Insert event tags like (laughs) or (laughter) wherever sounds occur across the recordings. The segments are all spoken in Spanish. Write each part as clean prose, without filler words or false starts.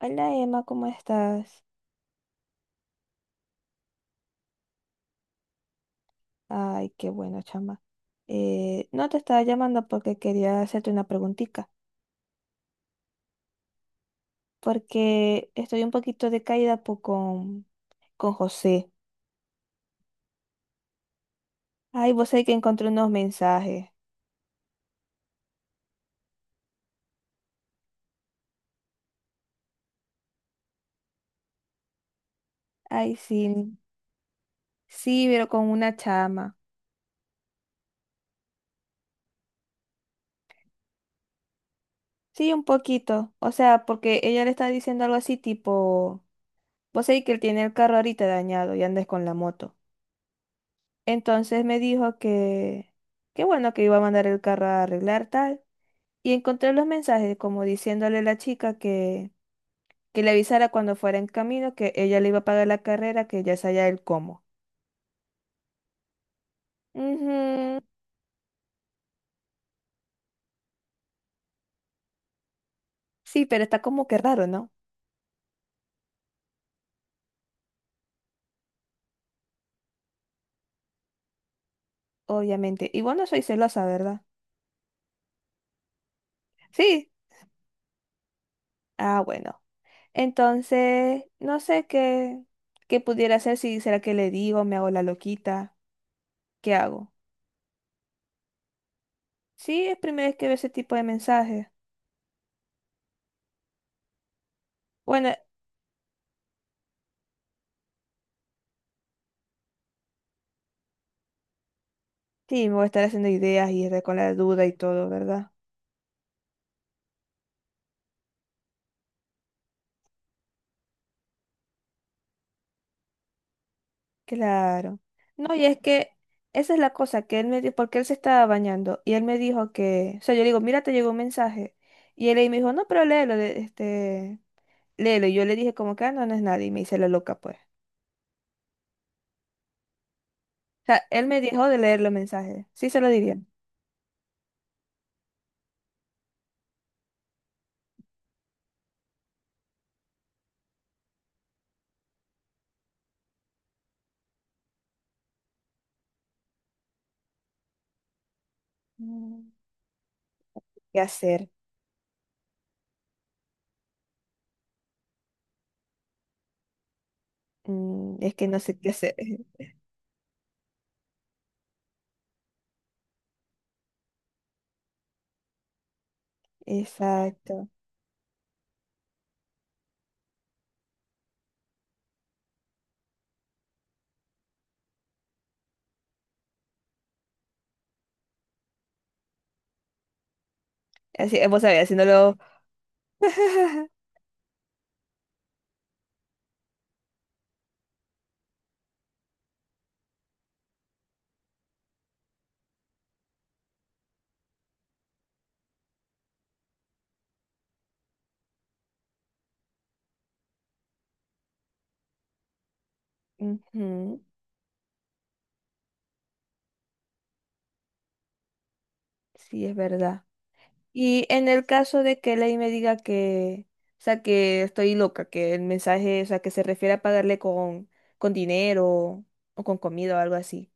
Hola Emma, ¿cómo estás? Ay, qué bueno, chama. No te estaba llamando porque quería hacerte una preguntita, porque estoy un poquito decaída con José. Ay, vos sabés que encontré unos mensajes. Ay, sí, sí, pero con una chama. Sí, un poquito. O sea, porque ella le está diciendo algo así tipo, vos sabés que él tiene el carro ahorita dañado y andes con la moto. Entonces me dijo que, qué bueno que iba a mandar el carro a arreglar tal. Y encontré los mensajes como diciéndole a la chica que le avisara cuando fuera en camino que ella le iba a pagar la carrera, que ya sabía el cómo. Ujú. Sí, pero está como que raro, ¿no? Obviamente. Y bueno, soy celosa, ¿verdad? Sí. Ah, bueno. Entonces, no sé qué, qué pudiera hacer, si será que le digo, me hago la loquita, ¿qué hago? Sí, es primera vez que veo ese tipo de mensajes. Bueno, sí, me voy a estar haciendo ideas y estar con la duda y todo, ¿verdad? Claro. No, y es que esa es la cosa que él me dijo, porque él se estaba bañando y él me dijo que, o sea, yo le digo, mira, te llegó un mensaje. Y él ahí me dijo, no, pero léelo, léelo. Y yo le dije, como que, "Ah, no, no es nadie. Y me hice la loca, pues. O sea, él me dijo de leer los mensajes. Sí, se lo diría. Mm. ¿Qué hacer? Mm, es que no sé qué hacer. (laughs) Exacto. Así, vos sabés, haciéndolo. (laughs) Ujú, sí, es verdad. Y en el caso de que Ley me diga que, o sea, que estoy loca, que el mensaje, o sea, que se refiere a pagarle con dinero o con comida o algo así.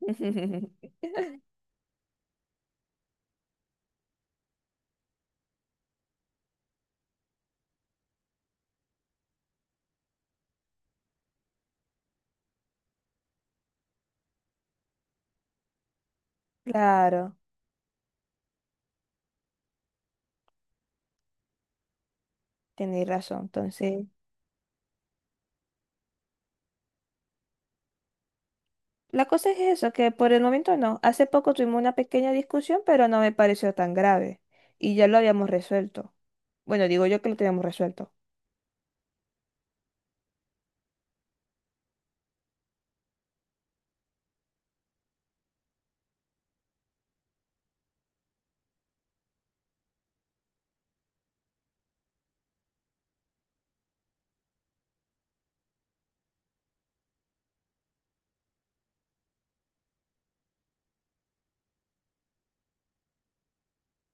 (laughs) Claro, tenéis razón. Entonces, la cosa es eso, que por el momento no. Hace poco tuvimos una pequeña discusión, pero no me pareció tan grave. Y ya lo habíamos resuelto. Bueno, digo yo que lo teníamos resuelto.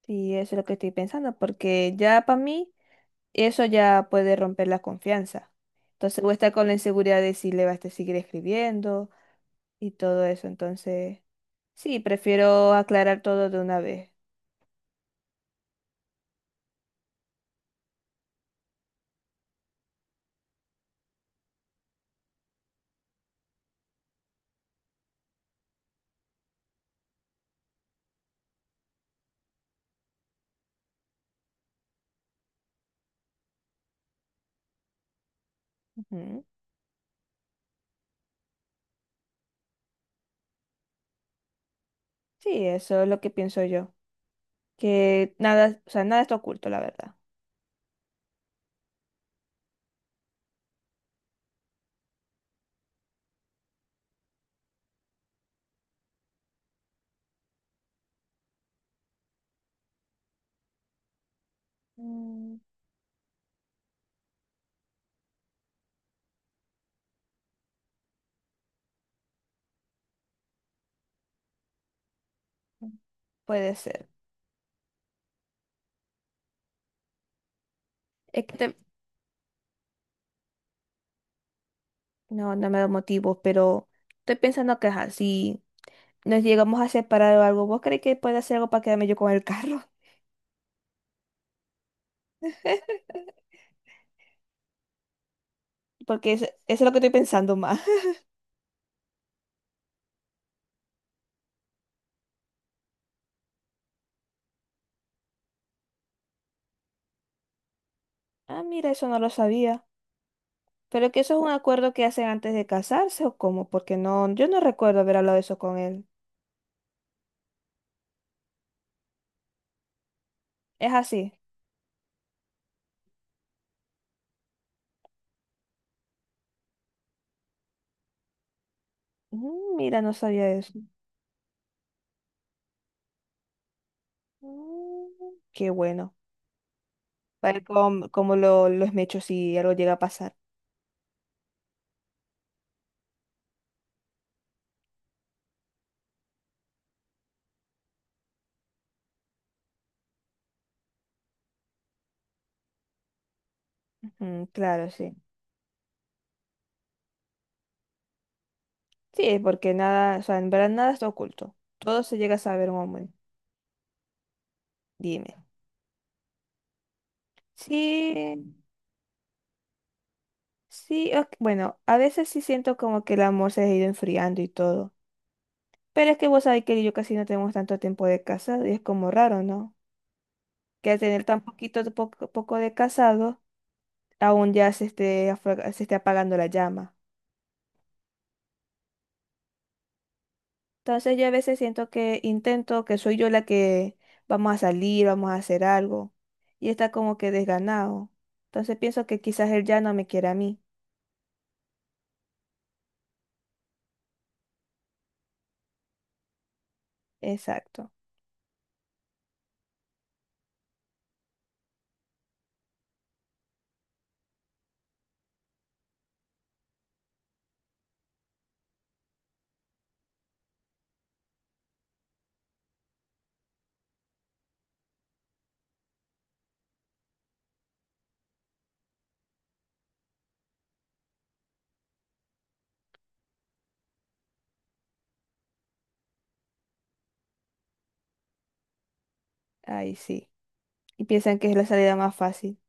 Y eso es lo que estoy pensando, porque ya para mí. Eso ya puede romper la confianza. Entonces voy a estar con la inseguridad de si le va a seguir escribiendo y todo eso. Entonces, sí, prefiero aclarar todo de una vez. Ujú. Sí, eso es lo que pienso yo. Que nada, o sea, nada está oculto, la verdad. Mm, puede ser. Es que te- no, no me da motivos, pero estoy pensando que ajá, si nos llegamos a separar o algo, ¿vos crees que puede hacer algo para quedarme yo con el carro? (laughs) Porque eso es lo que estoy pensando más. Ah, mira, eso no lo sabía. Pero que eso es un acuerdo que hacen antes de casarse o cómo, porque no, yo no recuerdo haber hablado de eso con él. Es así. Mm, mira, no sabía eso. Mm, qué bueno. Para como, como lo esmecho si algo llega a pasar. Ujú, claro, sí. Sí, porque nada, o sea, en verdad nada está oculto. Todo se llega a saber, un hombre. Dime. Sí, sí, ok, bueno, a veces sí siento como que el amor se ha ido enfriando y todo. Pero es que vos sabés que yo casi no tenemos tanto tiempo de casado y es como raro, ¿no? Que al tener tan poquito, poco, poco de casado, aún ya se esté, se esté apagando la llama. Entonces yo a veces siento que intento que soy yo la que vamos a salir, vamos a hacer algo y está como que desganado. Entonces pienso que quizás él ya no me quiere a mí. Exacto. Ahí sí. Y piensan que es la salida más fácil.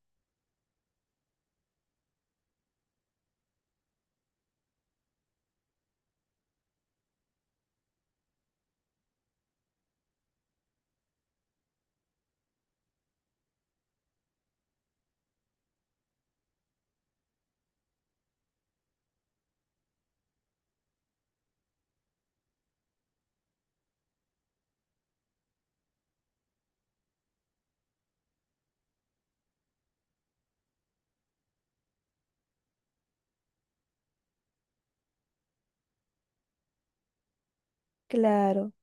Claro.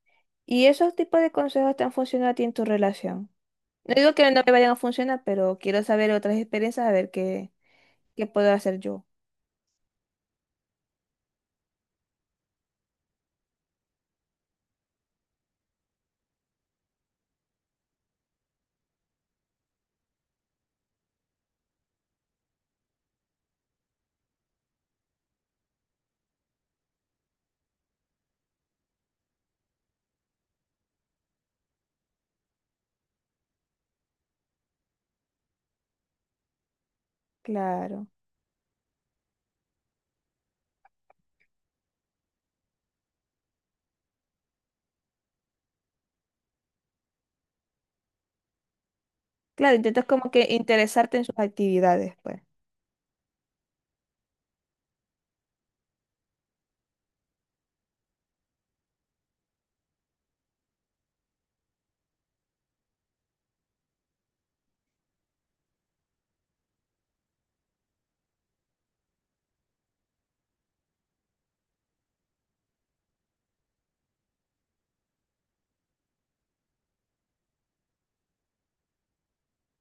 ¿Y esos tipos de consejos te han funcionado a ti en tu relación? No digo que no me vayan a funcionar, pero quiero saber otras experiencias, a ver qué, qué puedo hacer yo. Claro. Claro, intentas como que interesarte en sus actividades, pues.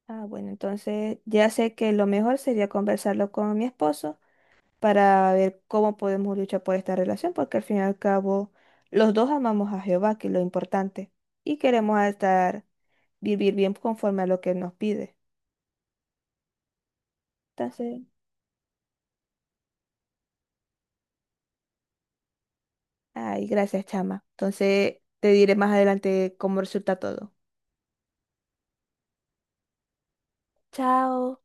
Ah, bueno, entonces ya sé que lo mejor sería conversarlo con mi esposo para ver cómo podemos luchar por esta relación, porque al fin y al cabo los dos amamos a Jehová, que es lo importante, y queremos estar, vivir bien conforme a lo que nos pide. Entonces, ay, gracias, chama. Entonces te diré más adelante cómo resulta todo. Chao.